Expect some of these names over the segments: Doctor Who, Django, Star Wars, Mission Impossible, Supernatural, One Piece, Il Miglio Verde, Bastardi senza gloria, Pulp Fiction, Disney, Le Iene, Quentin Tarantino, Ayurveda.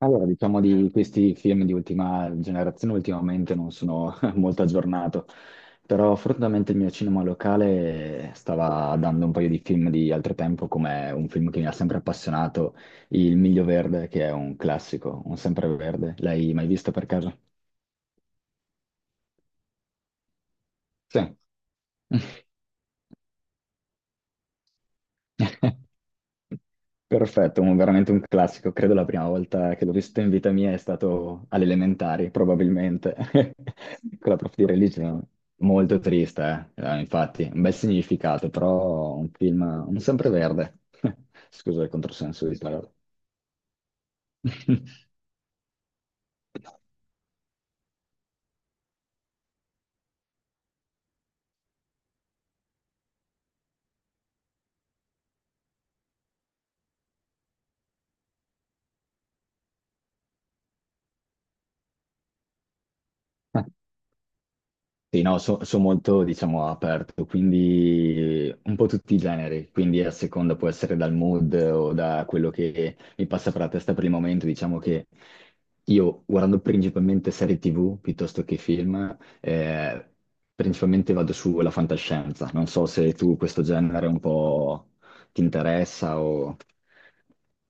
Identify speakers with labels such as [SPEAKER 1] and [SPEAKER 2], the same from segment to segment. [SPEAKER 1] Allora, diciamo di questi film di ultima generazione ultimamente non sono molto aggiornato, però fortunatamente il mio cinema locale stava dando un paio di film di altro tempo, come un film che mi ha sempre appassionato, Il Miglio Verde, che è un classico, un sempreverde. L'hai mai visto per caso? Sì. Perfetto, veramente un classico. Credo la prima volta che l'ho visto in vita mia è stato alle elementari, probabilmente, con la prof di religione. Molto triste, eh. Infatti, un bel significato, però un film, un sempreverde. Scusa il controsenso di parola. Sì, no, sono molto, diciamo, aperto, quindi un po' tutti i generi, quindi a seconda può essere dal mood o da quello che mi passa per la testa per il momento, diciamo che io guardando principalmente serie TV piuttosto che film, principalmente vado sulla fantascienza, non so se tu questo genere un po' ti interessa o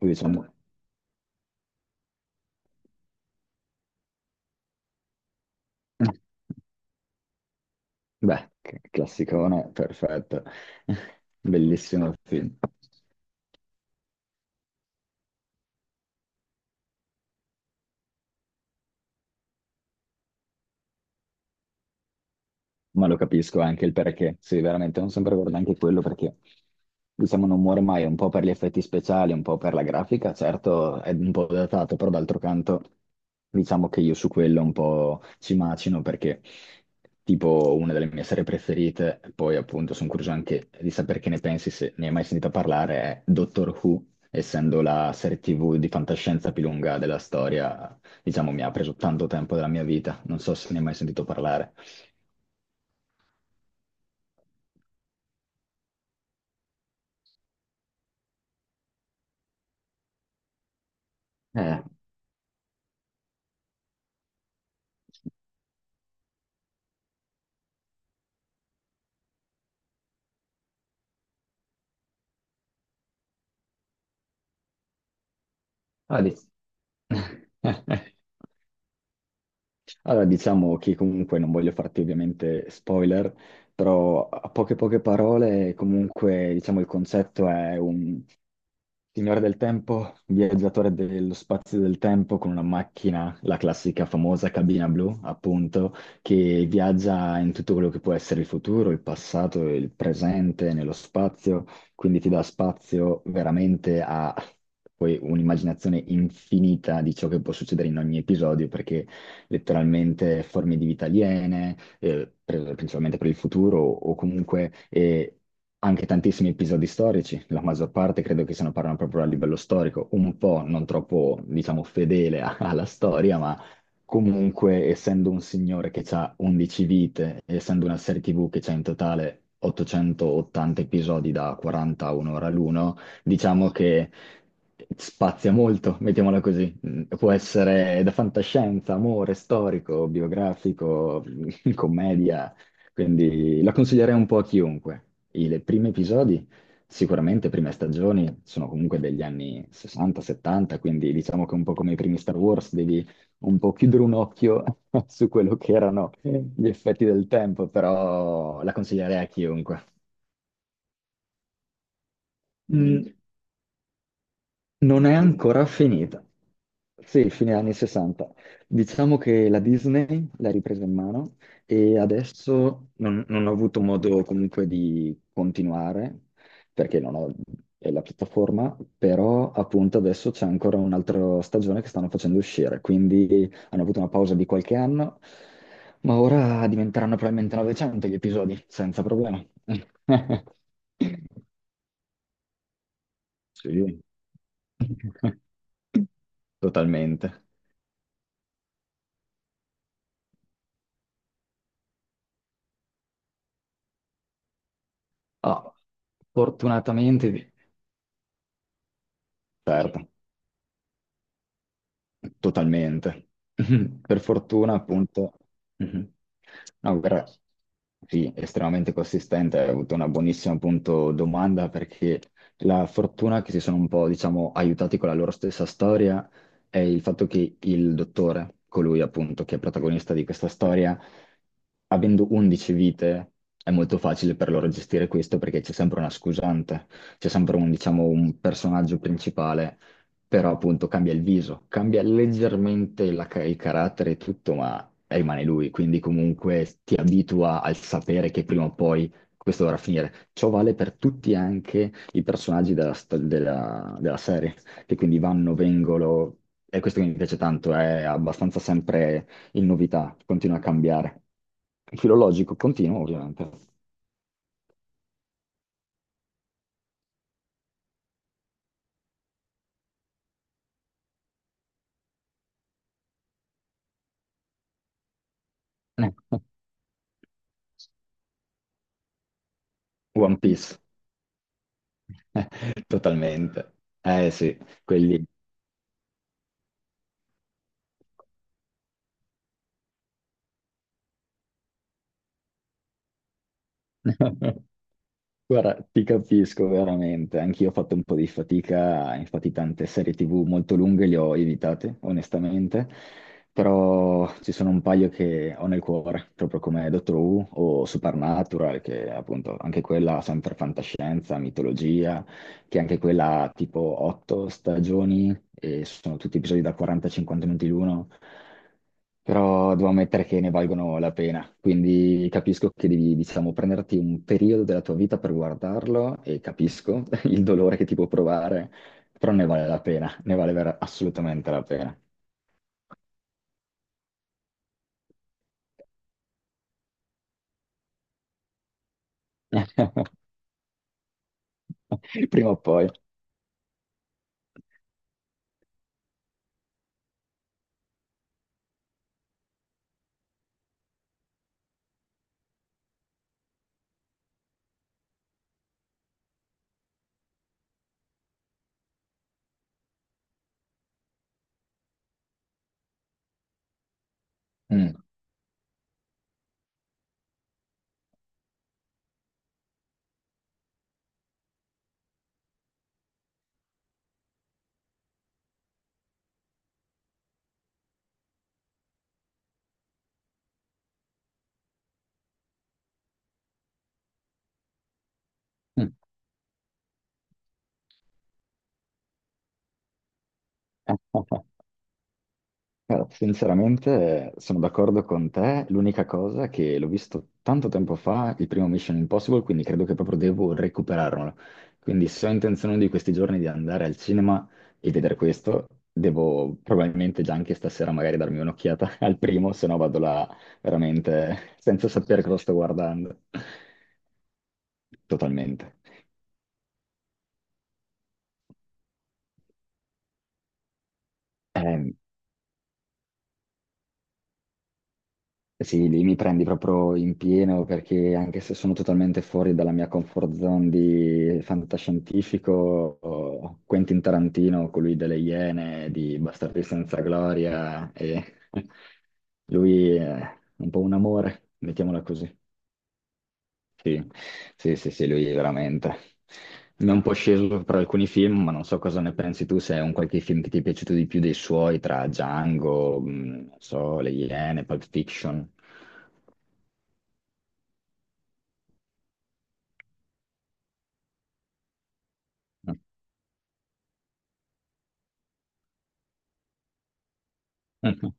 [SPEAKER 1] o diciamo. Beh, classicone, perfetto, bellissimo film. Ma lo capisco anche il perché. Sì, veramente, non sempre guardo anche quello perché, diciamo, non muore mai, un po' per gli effetti speciali, un po' per la grafica, certo è un po' datato, però d'altro canto diciamo che io su quello un po' ci macino perché tipo una delle mie serie preferite, poi appunto sono curioso anche di sapere che ne pensi, se ne hai mai sentito parlare, è Doctor Who, essendo la serie TV di fantascienza più lunga della storia, diciamo mi ha preso tanto tempo della mia vita, non so se ne hai mai sentito parlare. Eh. Ah, Allora, diciamo che comunque non voglio farti ovviamente spoiler, però a poche parole, comunque, diciamo, il concetto è Signore del tempo, viaggiatore dello spazio e del tempo con una macchina, la classica famosa cabina blu, appunto, che viaggia in tutto quello che può essere il futuro, il passato, e il presente, nello spazio, quindi ti dà spazio veramente a poi un'immaginazione infinita di ciò che può succedere in ogni episodio, perché letteralmente forme di vita aliene principalmente per il futuro o comunque anche tantissimi episodi storici, la maggior parte credo che se ne parlano proprio a livello storico, un po' non troppo, diciamo, fedele alla storia, ma comunque essendo un signore che ha 11 vite, essendo una serie TV che ha in totale 880 episodi da 40 a un'ora l'uno, diciamo che spazia molto, mettiamola così. Può essere da fantascienza, amore, storico, biografico, commedia, quindi la consiglierei un po' a chiunque. I le primi episodi, sicuramente, prime stagioni, sono comunque degli anni 60-70, quindi diciamo che un po' come i primi Star Wars devi un po' chiudere un occhio su quello che erano gli effetti del tempo, però la consiglierei a chiunque. Mm, non è ancora finita. Sì, fine anni 60. Diciamo che la Disney l'ha ripresa in mano e adesso non ho avuto modo comunque di continuare perché non ho è la piattaforma, però appunto adesso c'è ancora un'altra stagione che stanno facendo uscire, quindi hanno avuto una pausa di qualche anno, ma ora diventeranno probabilmente 900 gli episodi, senza problema. Sì. Totalmente. Ah, fortunatamente, certo, totalmente. Per fortuna, appunto, mhm. No, guarda, sì, estremamente consistente. Hai avuto una buonissima, appunto, domanda perché la fortuna che si sono un po', diciamo, aiutati con la loro stessa storia è il fatto che il dottore, colui appunto che è protagonista di questa storia, avendo 11 vite, è molto facile per loro gestire questo perché c'è sempre una scusante, c'è sempre un, diciamo, un personaggio principale però appunto cambia il viso, cambia leggermente la il carattere e tutto, ma rimane lui, quindi comunque ti abitua al sapere che prima o poi questo dovrà finire. Ciò vale per tutti anche i personaggi della, della serie, che quindi vanno, vengono, e questo che mi piace tanto, è abbastanza sempre in novità, continua a cambiare. Filologico continuo, ovviamente. One Piece, totalmente. Eh sì, quelli. Guarda, ti capisco veramente, anch'io ho fatto un po' di fatica, infatti tante serie TV molto lunghe le ho evitate, onestamente, però ci sono un paio che ho nel cuore, proprio come Doctor Who o Supernatural, che appunto anche quella sempre fantascienza, mitologia, che anche quella ha tipo 8 stagioni e sono tutti episodi da 40-50 minuti l'uno, però devo ammettere che ne valgono la pena. Quindi capisco che devi, diciamo, prenderti un periodo della tua vita per guardarlo e capisco il dolore che ti può provare, però ne vale la pena, ne vale assolutamente la pena. Prima o poi. Mm. Sinceramente sono d'accordo con te, l'unica cosa che l'ho visto tanto tempo fa, il primo Mission Impossible, quindi credo che proprio devo recuperarlo. Quindi se ho intenzione di questi giorni di andare al cinema e vedere questo, devo probabilmente già anche stasera magari darmi un'occhiata al primo, se no vado là veramente senza sapere cosa sto guardando. Totalmente. Ehm, Sì, lì mi prendi proprio in pieno perché anche se sono totalmente fuori dalla mia comfort zone di fantascientifico, oh, Quentin Tarantino, colui delle Iene, di Bastardi senza gloria, e lui è un po' un amore, mettiamola così. Sì, sì, sì, sì, lui veramente. Mi è un po' sceso per alcuni film, ma non so cosa ne pensi tu, se è un qualche film che ti è piaciuto di più dei suoi, tra Django, non so, Le Iene, Pulp Fiction. Mhm.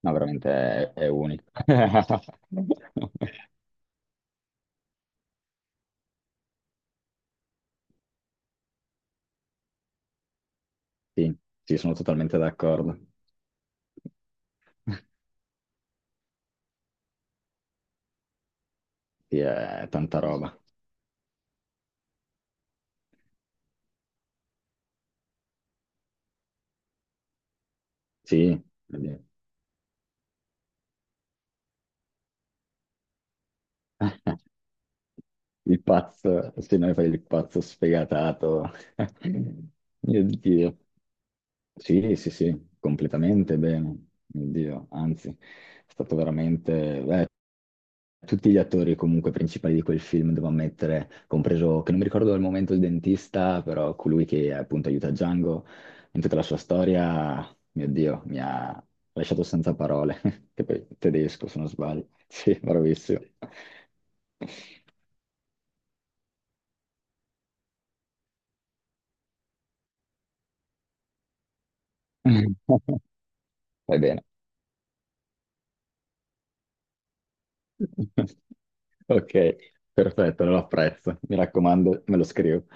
[SPEAKER 1] No, veramente è unico. Sì, sì, sono totalmente d'accordo. Sì, è tanta roba. Sì, quindi- il pazzo, se noi fai il pazzo sfegatato. Mio Dio. Sì, sì, sì, completamente bene. Mio Dio, anzi, è stato veramente... tutti gli attori comunque principali di quel film, devo ammettere, compreso, che non mi ricordo al momento il dentista, però colui che appunto aiuta Django in tutta la sua storia, mio Dio, mi ha lasciato senza parole, che poi è tedesco se non sbaglio. Sì, bravissimo. Vai bene. Ok, perfetto, lo apprezzo. Mi raccomando, me lo scrivo.